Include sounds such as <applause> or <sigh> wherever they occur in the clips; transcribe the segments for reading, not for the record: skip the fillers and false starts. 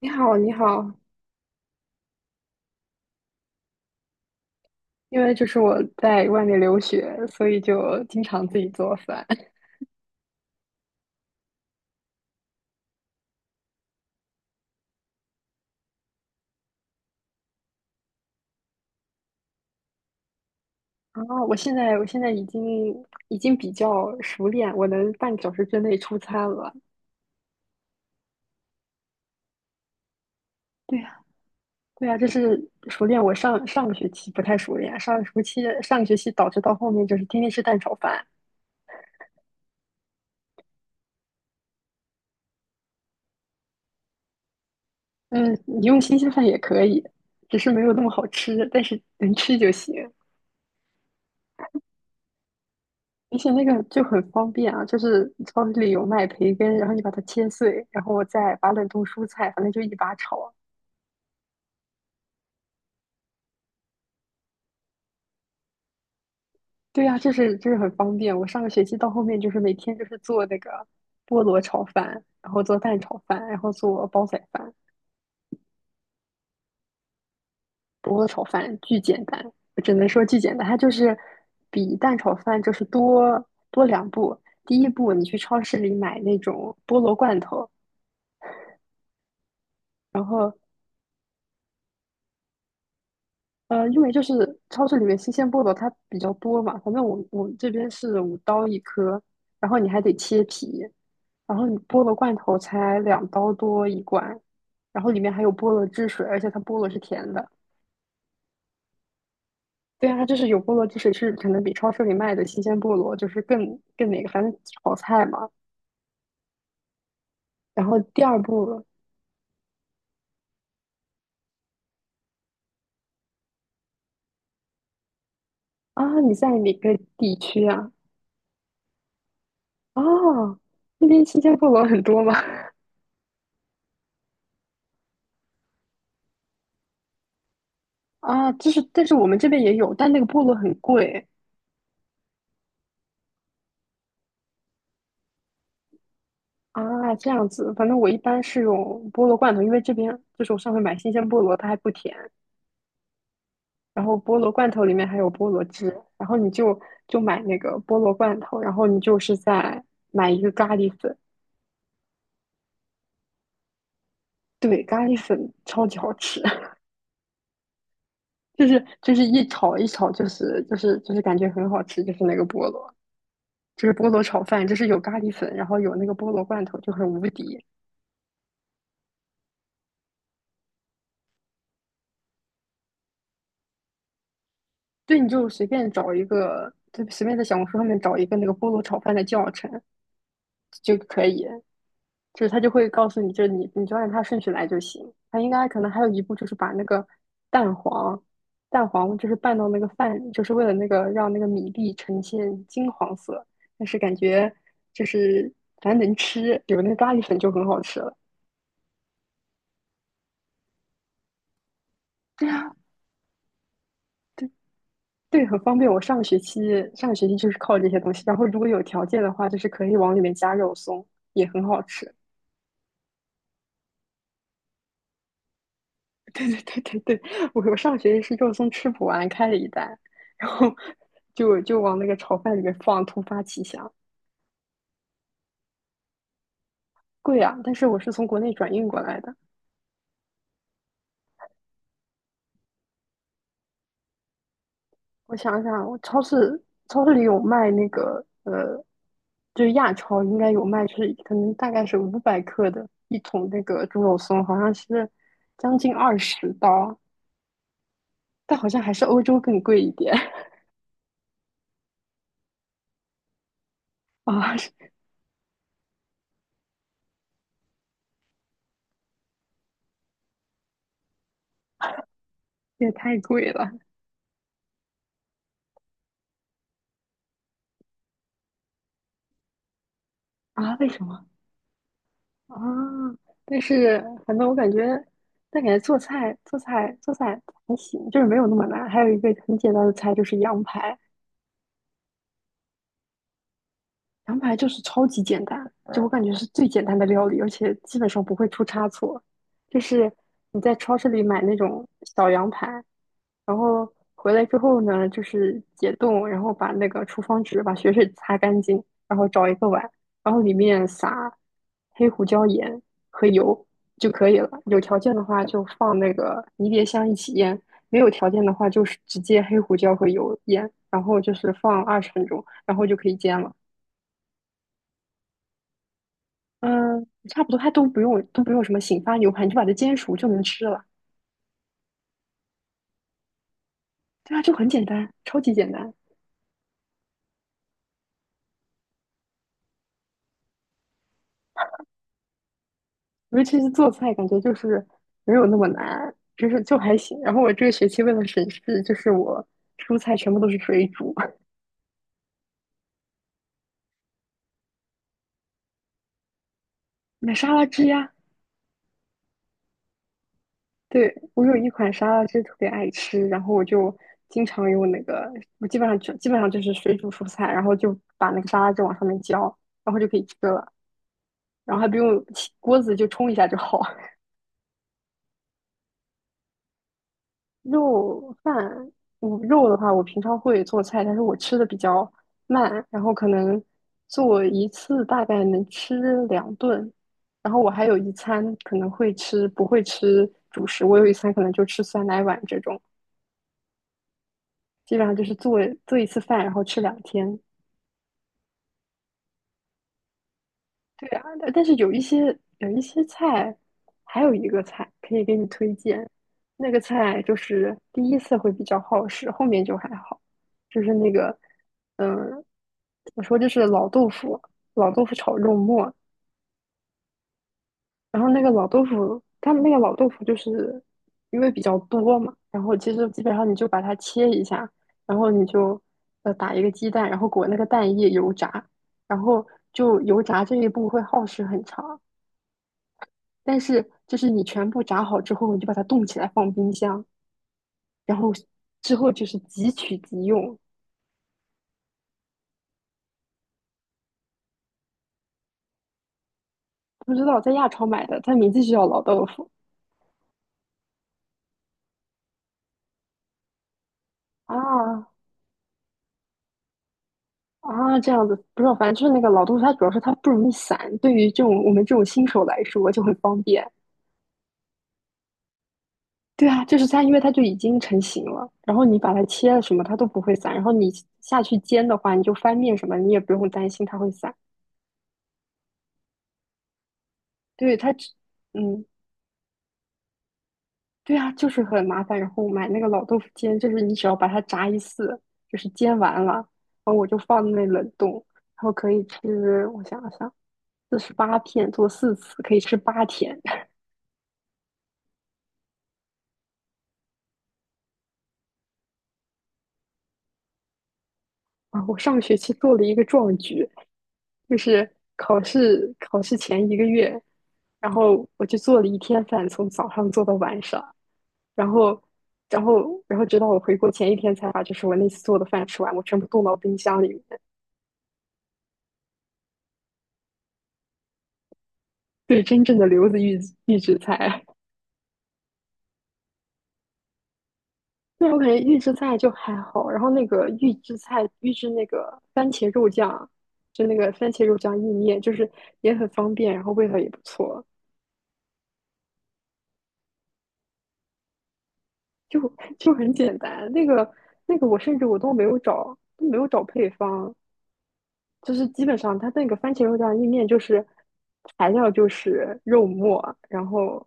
你好，你好，因为就是我在外面留学，所以就经常自己做饭。<laughs> 啊，我现在已经比较熟练，我能半个小时之内出餐了。对呀，对呀，就是熟练。我上上个学期不太熟练，上个学期导致到后面就是天天吃蛋炒饭。嗯，你用新鲜饭也可以，只是没有那么好吃，但是能吃就行。而且那个就很方便啊，就是超市里有卖培根，然后你把它切碎，然后我再把冷冻蔬菜，反正就一把炒。对呀，就是很方便。我上个学期到后面就是每天就是做那个菠萝炒饭，然后做蛋炒饭，然后做煲仔饭。菠萝炒饭巨简单，我只能说巨简单。它就是比蛋炒饭就是多两步。第一步，你去超市里买那种菠萝罐头，然后。因为就是超市里面新鲜菠萝它比较多嘛，反正我们这边是5刀一颗，然后你还得切皮，然后你菠萝罐头才2刀多一罐，然后里面还有菠萝汁水，而且它菠萝是甜的。对啊，它就是有菠萝汁水，是可能比超市里卖的新鲜菠萝就是更那个，反正炒菜嘛。然后第二步啊，你在哪个地区啊？哦，那边新鲜菠萝很多吗？<laughs> 啊，就是但是我们这边也有，但那个菠萝很贵。啊，这样子，反正我一般是用菠萝罐头，因为这边就是我上回买新鲜菠萝，它还不甜。然后菠萝罐头里面还有菠萝汁，然后你就买那个菠萝罐头，然后你就是再买一个咖喱粉，对，咖喱粉超级好吃，<laughs> 就是一炒一炒，就是感觉很好吃，就是那个菠萝，就是菠萝炒饭，就是有咖喱粉，然后有那个菠萝罐头，就很无敌。对，你就随便找一个，就随便在小红书上面找一个那个菠萝炒饭的教程，就可以，就是他就会告诉你，就是你就按它顺序来就行。他应该可能还有一步就是把那个蛋黄，蛋黄就是拌到那个饭里，就是为了那个让那个米粒呈现金黄色。但是感觉就是反正能吃，有那个咖喱粉就很好吃了。<laughs> 对啊，对对，很方便。我上学期就是靠这些东西，然后如果有条件的话，就是可以往里面加肉松，也很好吃。对 <laughs> 对对对对，我上学期是肉松吃不完，开了一袋，然后就往那个炒饭里面放，突发奇想，贵啊！但是我是从国内转运过来的。我想想，我超市里有卖那个就是亚超应该有卖，就是可能大概是500克的一桶那个猪肉松，好像是将近20刀，但好像还是欧洲更贵一点 <laughs> 啊，这也太贵了啊！为什么？啊，但是反正我感觉，但感觉做菜还行，就是没有那么难。还有一个很简单的菜就是羊排，羊排就是超级简单，就我感觉是最简单的料理，而且基本上不会出差错。就是你在超市里买那种小羊排，然后回来之后呢，就是解冻，然后把那个厨房纸把血水擦干净，然后找一个碗，然后里面撒黑胡椒盐和油就可以了。有条件的话就放那个迷迭香一起腌，没有条件的话就是直接黑胡椒和油腌，然后就是放20分钟，然后就可以煎了。嗯，差不多，它都不用什么醒发牛排，你就把它煎熟就能吃了。对啊，就很简单，超级简单。尤其是做菜，感觉就是没有那么难，就是就还行。然后我这个学期为了省事，就是我蔬菜全部都是水煮，<laughs> 买沙拉汁呀。对，我有一款沙拉汁特别爱吃，然后我就经常用那个，我基本上就是水煮蔬菜，然后就把那个沙拉汁往上面浇，然后就可以吃了，然后还不用起锅子就冲一下就好。肉饭，我肉的话，我平常会做菜，但是我吃的比较慢，然后可能做一次大概能吃2顿，然后我还有一餐可能会吃，不会吃主食，我有一餐可能就吃酸奶碗这种，基本上就是做一次饭，然后吃2天。对啊，但是有一些菜，还有一个菜可以给你推荐，那个菜就是第一次会比较耗时，后面就还好，就是那个，嗯，怎么说就是老豆腐，老豆腐炒肉末，然后那个老豆腐，他们那个老豆腐就是因为比较多嘛，然后其实基本上你就把它切一下，然后你就打一个鸡蛋，然后裹那个蛋液油炸，然后就油炸这一步会耗时很长。但是就是你全部炸好之后，你就把它冻起来放冰箱，然后之后就是即取即用。不知道在亚超买的，它名字就叫老豆腐啊啊，这样子不知道，反正就是那个老豆腐，它主要是它不容易散，对于这种我们这种新手来说就很方便。对啊，就是它，因为它就已经成型了，然后你把它切了什么，它都不会散。然后你下去煎的话，你就翻面什么，你也不用担心它会散。对它只，嗯，对啊，就是很麻烦。然后买那个老豆腐煎，就是你只要把它炸一次，就是煎完了，然后我就放在那冷冻，然后可以吃，我想了想，48片做4次，可以吃8天。<laughs> 啊，我上个学期做了一个壮举，就是考试前一个月，然后我就做了一天饭，从早上做到晚上，然后，然后直到我回国前一天才把就是我那次做的饭吃完，我全部冻到冰箱里面。对，真正的留子预制菜。对，我感觉预制菜就还好，然后那个预制那个番茄肉酱，就那个番茄肉酱意面，就是也很方便，然后味道也不错，就 <laughs> 就很简单。那个我甚至都没有找配方，就是基本上它那个番茄肉酱意面就是材料就是肉末，然后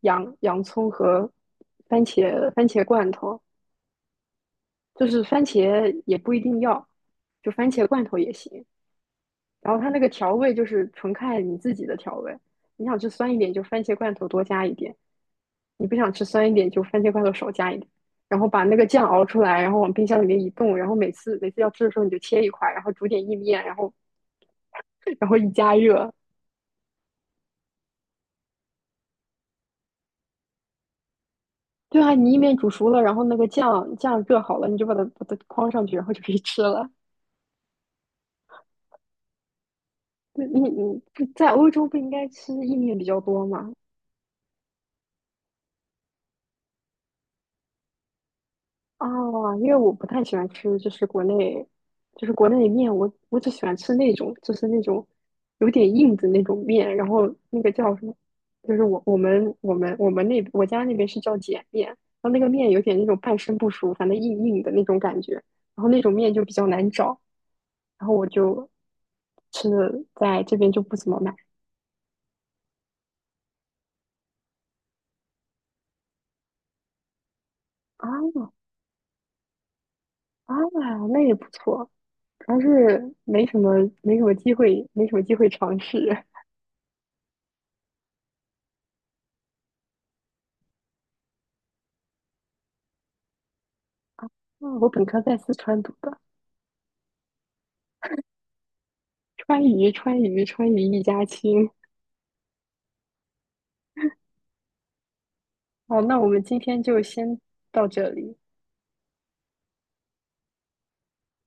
洋葱和番茄罐头，就是番茄也不一定要，就番茄罐头也行。然后它那个调味就是纯看你自己的调味，你想吃酸一点就番茄罐头多加一点，你不想吃酸一点就番茄罐头少加一点，然后把那个酱熬出来，然后往冰箱里面一冻，然后每次要吃的时候你就切一块，然后煮点意面，然后一加热，对啊，你意面煮熟了，然后那个酱热好了，你就把它框上去，然后就可以吃了。对你在欧洲不应该吃意面比较多吗？啊，因为我不太喜欢吃，就是国内，就是国内的面，我只喜欢吃那种，就是那种有点硬的那种面，然后那个叫什么，就是我们那我家那边是叫碱面，然后那个面有点那种半生不熟，反正硬硬的那种感觉，然后那种面就比较难找，然后我就吃的在这边就不怎么买啊啊，那也不错，主要是没什么机会，没什么机会尝试。<laughs> 嗯，我本科在四川读的。川渝，川渝，川渝一家亲。好，那我们今天就先到这里。